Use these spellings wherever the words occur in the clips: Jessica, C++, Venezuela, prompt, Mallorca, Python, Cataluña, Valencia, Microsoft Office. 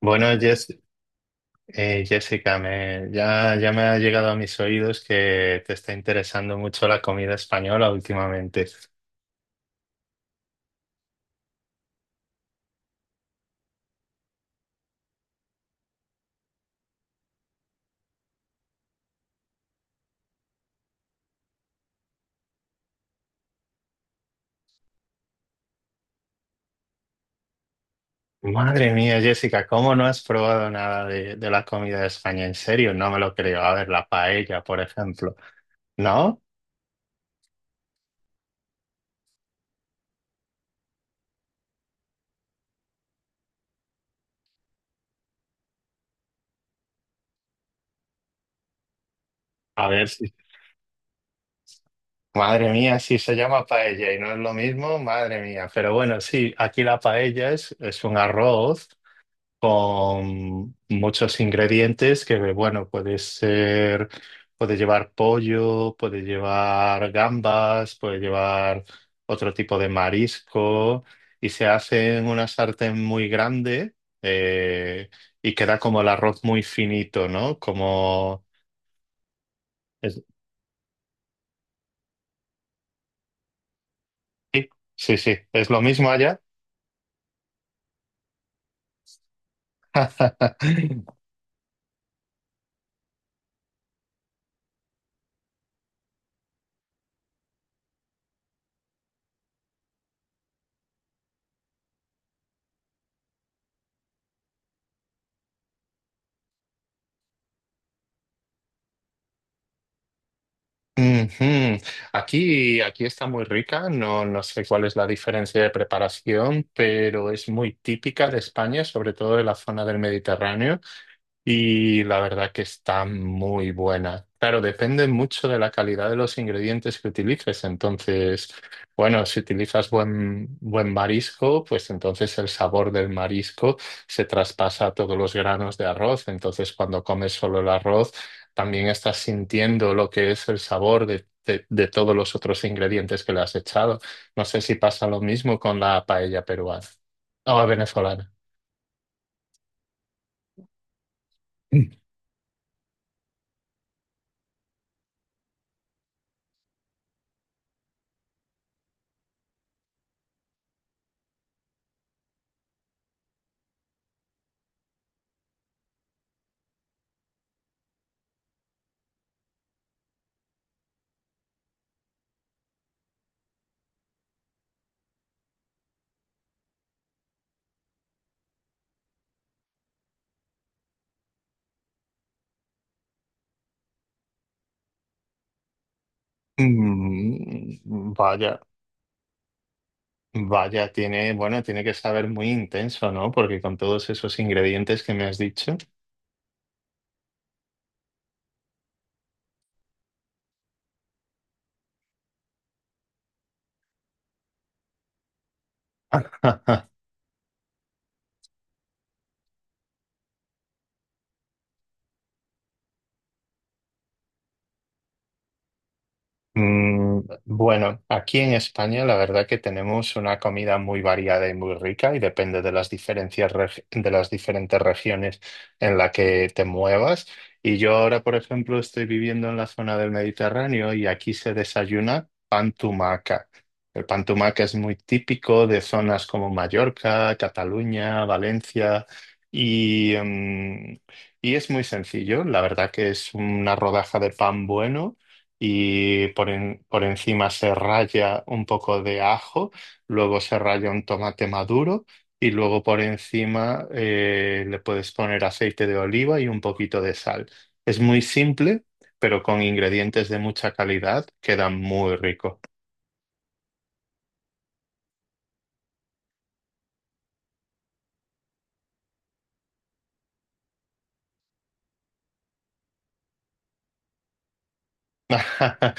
Bueno, Jessica, ya me ha llegado a mis oídos que te está interesando mucho la comida española últimamente. Madre mía, Jessica, ¿cómo no has probado nada de la comida de España? En serio, no me lo creo. A ver, la paella, por ejemplo. ¿No? A ver, si- Madre mía, si se llama paella y no es lo mismo, madre mía. Pero bueno, sí, aquí la paella es un arroz con muchos ingredientes que, bueno, puede ser, puede llevar pollo, puede llevar gambas, puede llevar otro tipo de marisco y se hace en una sartén muy grande, eh, y queda como el arroz muy finito, ¿no? Es- Sí, sí, sí, es lo mismo allá. Ujú. Aquí está muy rica, no, no sé cuál es la diferencia de preparación, pero es muy típica de España, sobre todo de la zona del Mediterráneo. Y la verdad que está muy buena. Claro, depende mucho de la calidad de los ingredientes que utilices. Entonces, bueno, si utilizas buen marisco, pues entonces el sabor del marisco se traspasa a todos los granos de arroz. Entonces, cuando comes solo el arroz, también estás sintiendo lo que es el sabor de todos los otros ingredientes que le has echado. No sé si pasa lo mismo con la paella peruana o venezolana. Mm, vaya. Vaya, tiene, bueno, tiene que saber muy intenso, ¿no? Porque con todos esos ingredientes que me has dicho. Mm, bueno, aquí en España la verdad que tenemos una comida muy variada y muy rica y depende de las diferencias de las diferentes regiones en la que te muevas. Y yo ahora, por ejemplo, estoy viviendo en la zona del Mediterráneo y aquí se desayuna pan tumaca. El pan tumaca es muy típico de zonas como Mallorca, Cataluña, Valencia y, mm, y es muy sencillo. La verdad que es una rodaja de pan bueno y por encima se raya un poco de ajo, luego se raya un tomate maduro y luego por encima, le puedes poner aceite de oliva y un poquito de sal. Es muy simple, pero con ingredientes de mucha calidad queda muy rico.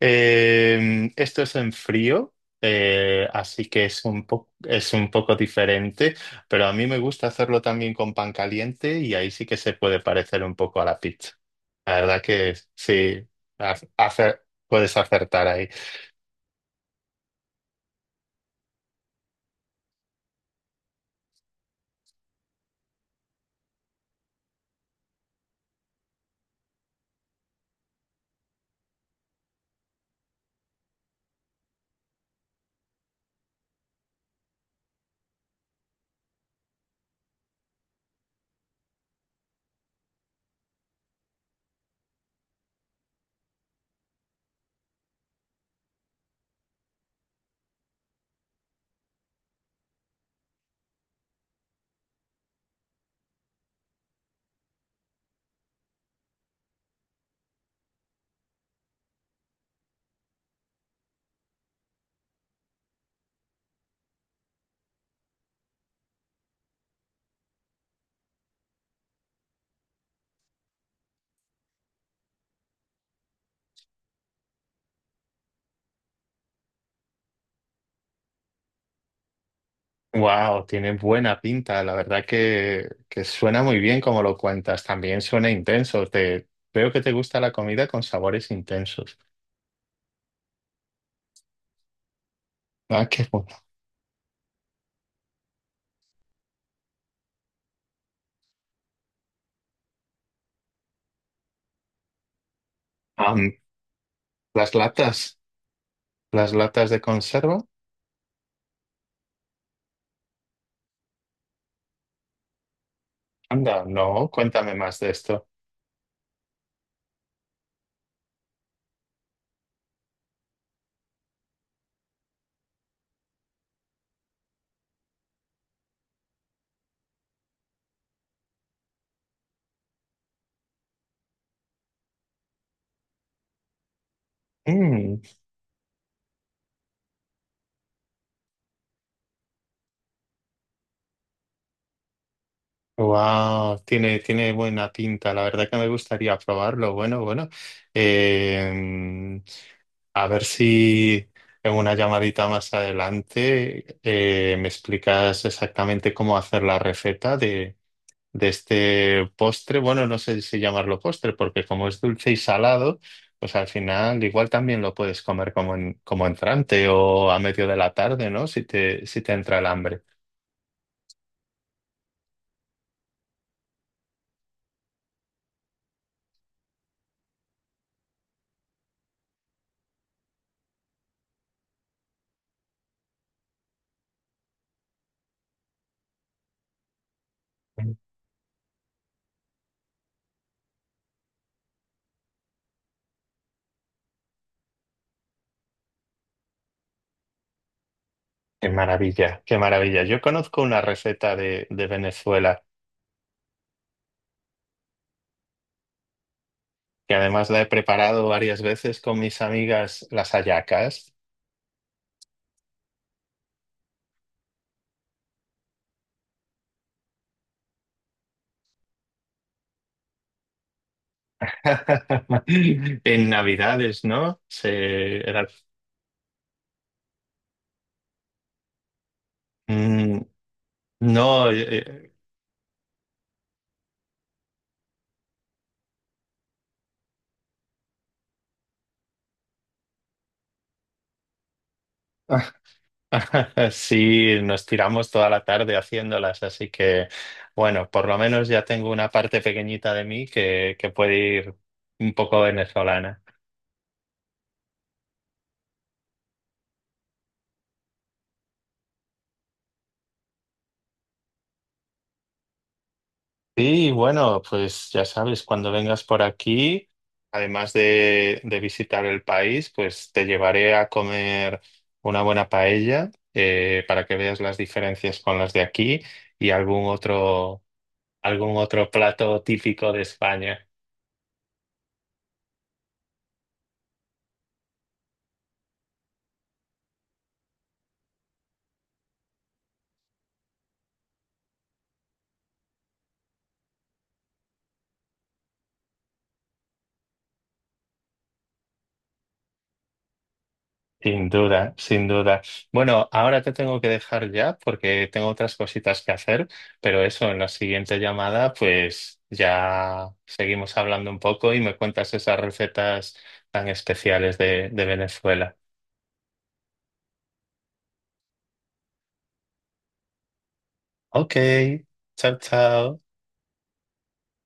Esto es en frío, así que es es un poco diferente, pero a mí me gusta hacerlo también con pan caliente y ahí sí que se puede parecer un poco a la pizza. La verdad que sí, ha- hace- puedes acertar ahí. Wow, tiene buena pinta, la verdad que suena muy bien como lo cuentas, también suena intenso, te, veo que te gusta la comida con sabores intensos. Ah, qué bueno. Am, las latas. ¿Las latas de conserva? Anda, no, cuéntame más de esto. Mm, wow, tiene, tiene buena pinta. La verdad que me gustaría probarlo. Bueno, bueno. Eh, a ver si en una llamadita más adelante me explicas exactamente cómo hacer la receta de este postre. Bueno, no sé si llamarlo postre, porque como es dulce y salado, pues al final igual también lo puedes comer como entrante o a medio de la tarde, ¿no? Si si te entra el hambre. Qué maravilla, qué maravilla. Yo conozco una receta de Venezuela que además la he preparado varias veces con mis amigas las hallacas. En Navidades, ¿no? Mm, no, sí, nos tiramos toda la tarde haciéndolas, así que bueno, por lo menos ya tengo una parte pequeñita de mí que puede ir un poco venezolana. Sí, bueno, pues ya sabes, cuando vengas por aquí, además de visitar el país, pues te llevaré a comer una buena paella, para que veas las diferencias con las de aquí y algún otro plato típico de España. Sin duda, sin duda. Bueno, ahora te tengo que dejar ya porque tengo otras cositas que hacer, pero eso, en la siguiente llamada, pues ya seguimos hablando un poco y me cuentas esas recetas tan especiales de Venezuela. Ok, chao, chao.